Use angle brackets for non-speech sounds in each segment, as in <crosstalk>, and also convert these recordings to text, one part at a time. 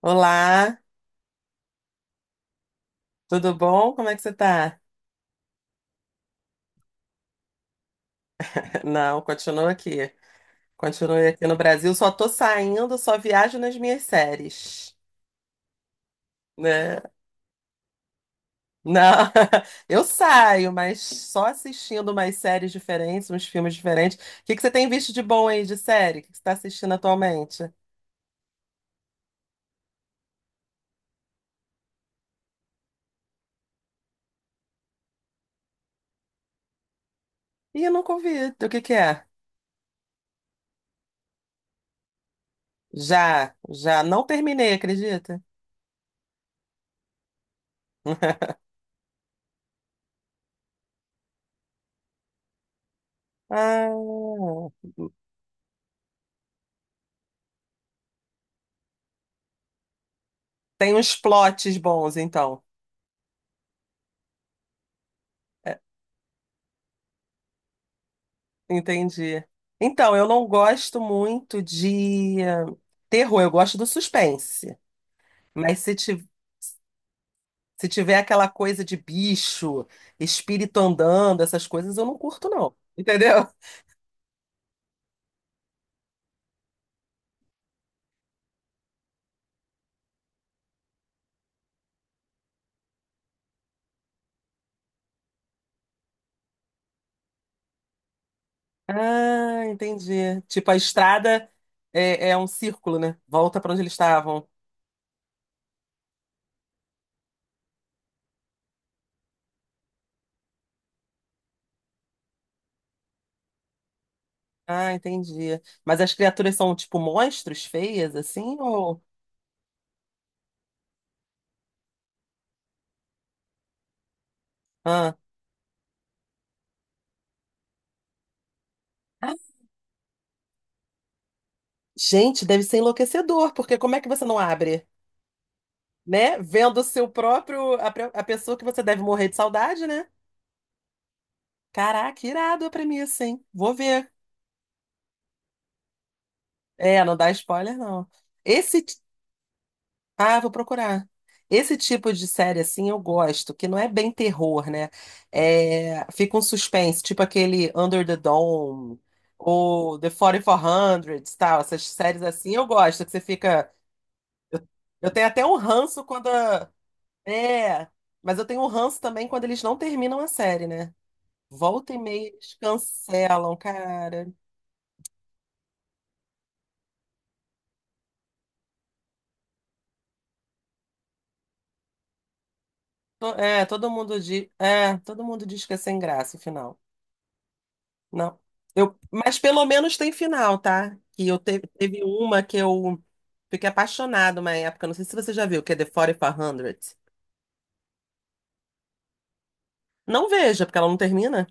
Olá, tudo bom? Como é que você tá? Não, continuo aqui. Continuo aqui no Brasil. Só tô saindo, só viajo nas minhas séries, né? Não, <laughs> eu saio, mas só assistindo umas séries diferentes, uns filmes diferentes. O que que você tem visto de bom aí de série? O que que você tá assistindo atualmente? Ih, eu nunca ouvi. O que que é? Já, já. Não terminei, acredita? <laughs> Ah, tem uns plots bons, então. Entendi. Então, eu não gosto muito de terror, eu gosto do suspense. Mas se tiver aquela coisa de bicho, espírito andando, essas coisas, eu não curto, não. Entendeu? Ah, entendi. Tipo, a estrada é, é um círculo, né? Volta pra onde eles estavam. Ah, entendi. Mas as criaturas são, tipo, monstros feias, assim? Ou... Ah. Ah, gente, deve ser enlouquecedor, porque como é que você não abre? Né? Vendo o seu próprio, a, pre- a pessoa que você deve morrer de saudade, né? Caraca, irado a premissa, hein? Vou ver. É, não dá spoiler, não. Esse, ti- Vou procurar. Esse tipo de série, assim, eu gosto, que não é bem terror, né? É, fica um suspense, tipo aquele Under the Dome, ou The 4400, tal, essas séries assim, eu gosto, que você fica... Eu tenho até um ranço quando... a- É, mas eu tenho um ranço também quando eles não terminam a série, né? Volta e meia eles cancelam, cara. É, todo mundo diz que é sem graça o final. Não. Mas pelo menos tem final, tá? Que teve uma que eu fiquei apaixonado uma época, não sei se você já viu, que é The 4400. Não veja, porque ela não termina.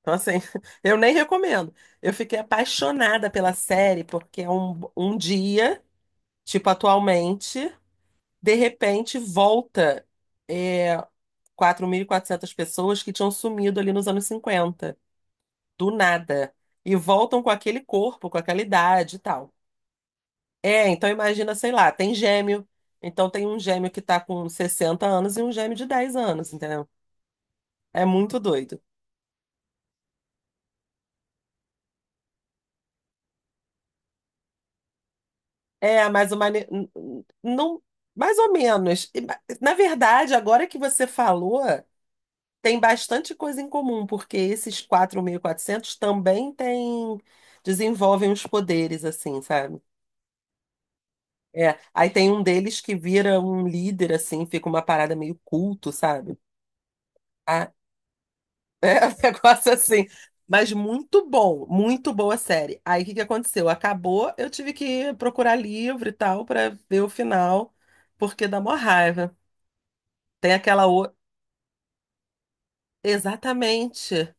Então assim, <laughs> eu nem recomendo. Eu fiquei apaixonada pela série porque é um dia, tipo atualmente, de repente volta é, 4.400 pessoas que tinham sumido ali nos anos 50 do nada, e voltam com aquele corpo, com aquela idade e tal. É, então imagina, sei lá, tem gêmeo. Então tem um gêmeo que tá com 60 anos e um gêmeo de 10 anos, entendeu? É muito doido. É, mas o mane... não, mais ou menos. Na verdade, agora que você falou, tem bastante coisa em comum, porque esses 4.400 também têm desenvolvem os poderes assim, sabe? É, aí tem um deles que vira um líder, assim, fica uma parada meio culto, sabe? Ah, <laughs> é um negócio assim. Mas muito bom, muito boa série. Aí o que que aconteceu? Acabou, eu tive que procurar livro e tal pra ver o final, porque dá mó raiva. Tem aquela o... Exatamente,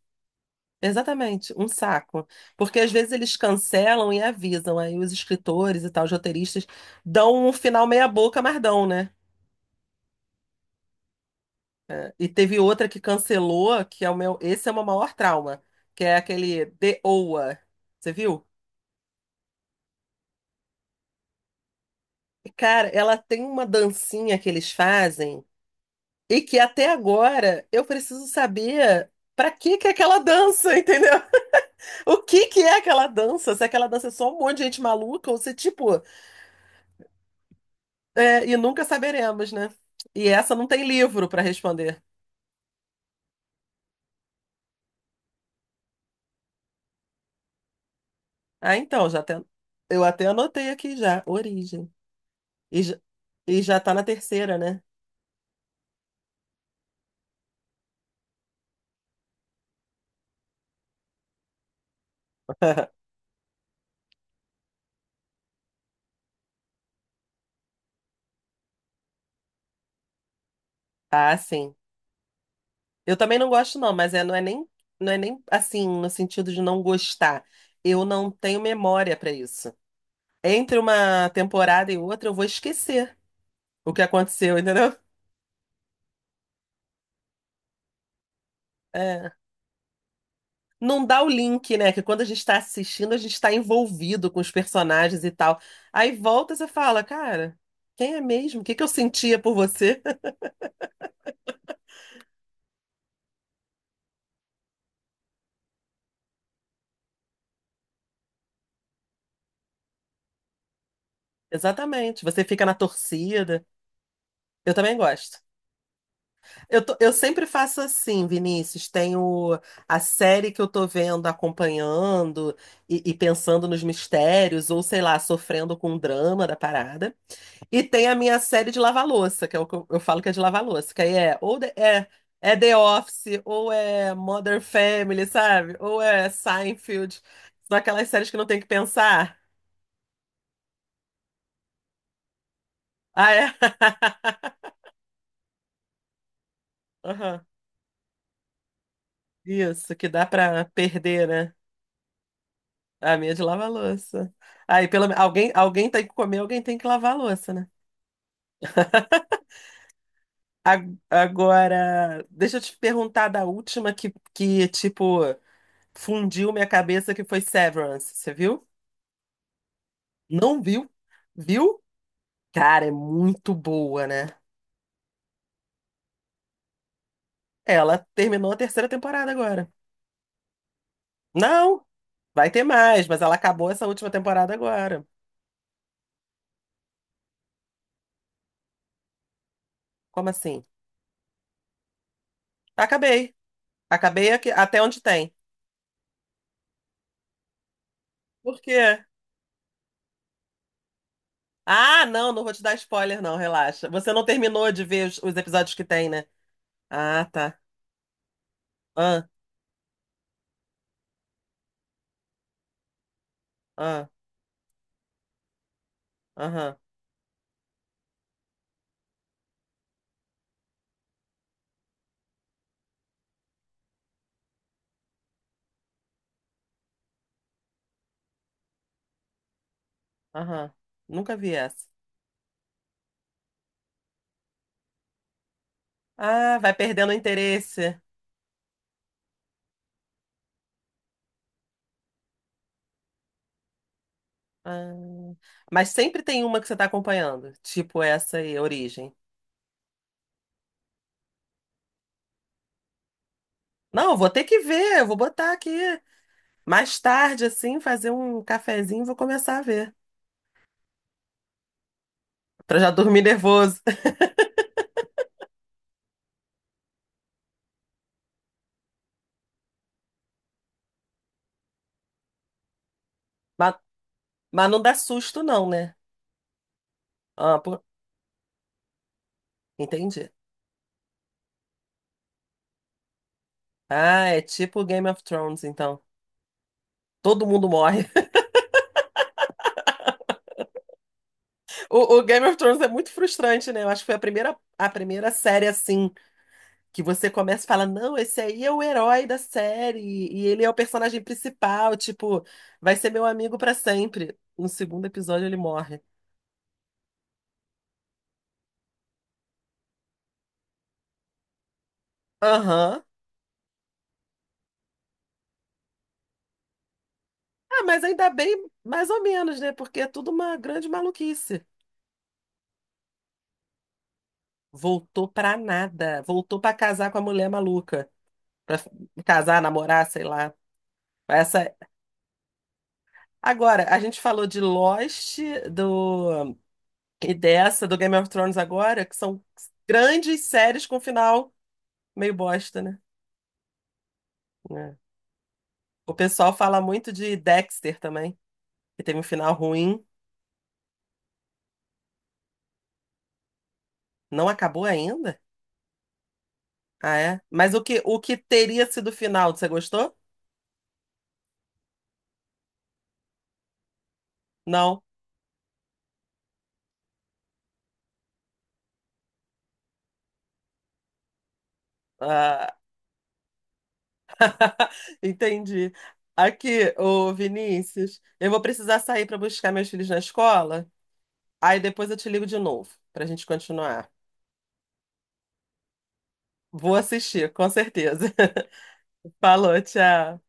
exatamente, um saco. Porque às vezes eles cancelam e avisam, aí os escritores e tal, os roteiristas dão um final meia boca, mas dão, né? E teve outra que cancelou, que é o meu. Esse é o meu maior trauma, que é aquele The Oa. Você viu? Cara, ela tem uma dancinha que eles fazem e que até agora eu preciso saber pra que que é aquela dança, entendeu? <laughs> O que que é aquela dança? Se aquela dança é só um monte de gente maluca ou se tipo. É, e nunca saberemos, né? E essa não tem livro pra responder. Ah, então, eu até anotei aqui já, origem. E já, e já tá na terceira, né? <laughs> Ah, sim. Eu também não gosto, não, mas não é nem assim, no sentido de não gostar. Eu não tenho memória para isso. Entre uma temporada e outra, eu vou esquecer o que aconteceu, entendeu? É. Não dá o link, né? Que quando a gente está assistindo, a gente está envolvido com os personagens e tal. Aí volta e você fala, cara, quem é mesmo? O que que eu sentia por você? <laughs> Exatamente. Você fica na torcida. Eu também gosto. Eu sempre faço assim, Vinícius. Tenho a série que eu tô vendo, acompanhando e pensando nos mistérios, ou sei lá, sofrendo com o drama da parada. E tem a minha série de lavar-louça, que é o que eu falo que é de lavar-louça, que aí é ou é The Office, ou é Modern Family, sabe? Ou é Seinfeld. São aquelas séries que não tem que pensar. Ah, é? <laughs> Aham. Isso, que dá pra perder, né? A minha é de lavar louça. Aí, pelo me- alguém, alguém tem que comer, alguém tem que lavar a louça, né? A- Agora, deixa eu te perguntar da última tipo, fundiu minha cabeça, que foi Severance. Você viu? Não viu? Viu? Cara, é muito boa, né? Ela terminou a terceira temporada agora. Não, vai ter mais, mas ela acabou essa última temporada agora. Como assim? Acabei. Acabei aqui- até onde tem. Por quê? Ah, não, não vou te dar spoiler, não, relaxa. Você não terminou de ver os episódios que tem, né? Ah, tá. Ah, ah, aham, aham. Nunca vi essa. Ah, vai perdendo o interesse. Ah, mas sempre tem uma que você tá acompanhando, tipo essa aí, Origem. Não, eu vou ter que ver, eu vou botar aqui. Mais tarde, assim, fazer um cafezinho, vou começar a ver. Pra já dormir nervoso. <laughs> Mas, mas não dá susto, não, né? Ah, pô, entendi. Ah, é tipo Game of Thrones, então. Todo mundo morre. <laughs> O Game of Thrones é muito frustrante, né? Eu acho que foi a primeira série assim que você começa e fala: não, esse aí é o herói da série, e ele é o personagem principal, tipo, vai ser meu amigo pra sempre. No segundo episódio ele morre. Aham. Ah, mas ainda bem, mais ou menos, né? Porque é tudo uma grande maluquice. Voltou pra nada. Voltou pra casar com a mulher maluca. Pra f- Casar, namorar, sei lá. Essa. Agora, a gente falou de Lost, do. E dessa do Game of Thrones agora, que são grandes séries com final meio bosta, né? É. O pessoal fala muito de Dexter também, que teve um final ruim. Não acabou ainda? Ah, é? Mas o que teria sido o final? Você gostou? Não. Ah, <laughs> entendi. Aqui, ô Vinícius, eu vou precisar sair para buscar meus filhos na escola. Aí depois eu te ligo de novo para a gente continuar. Vou assistir, com certeza. <laughs> Falou, tchau.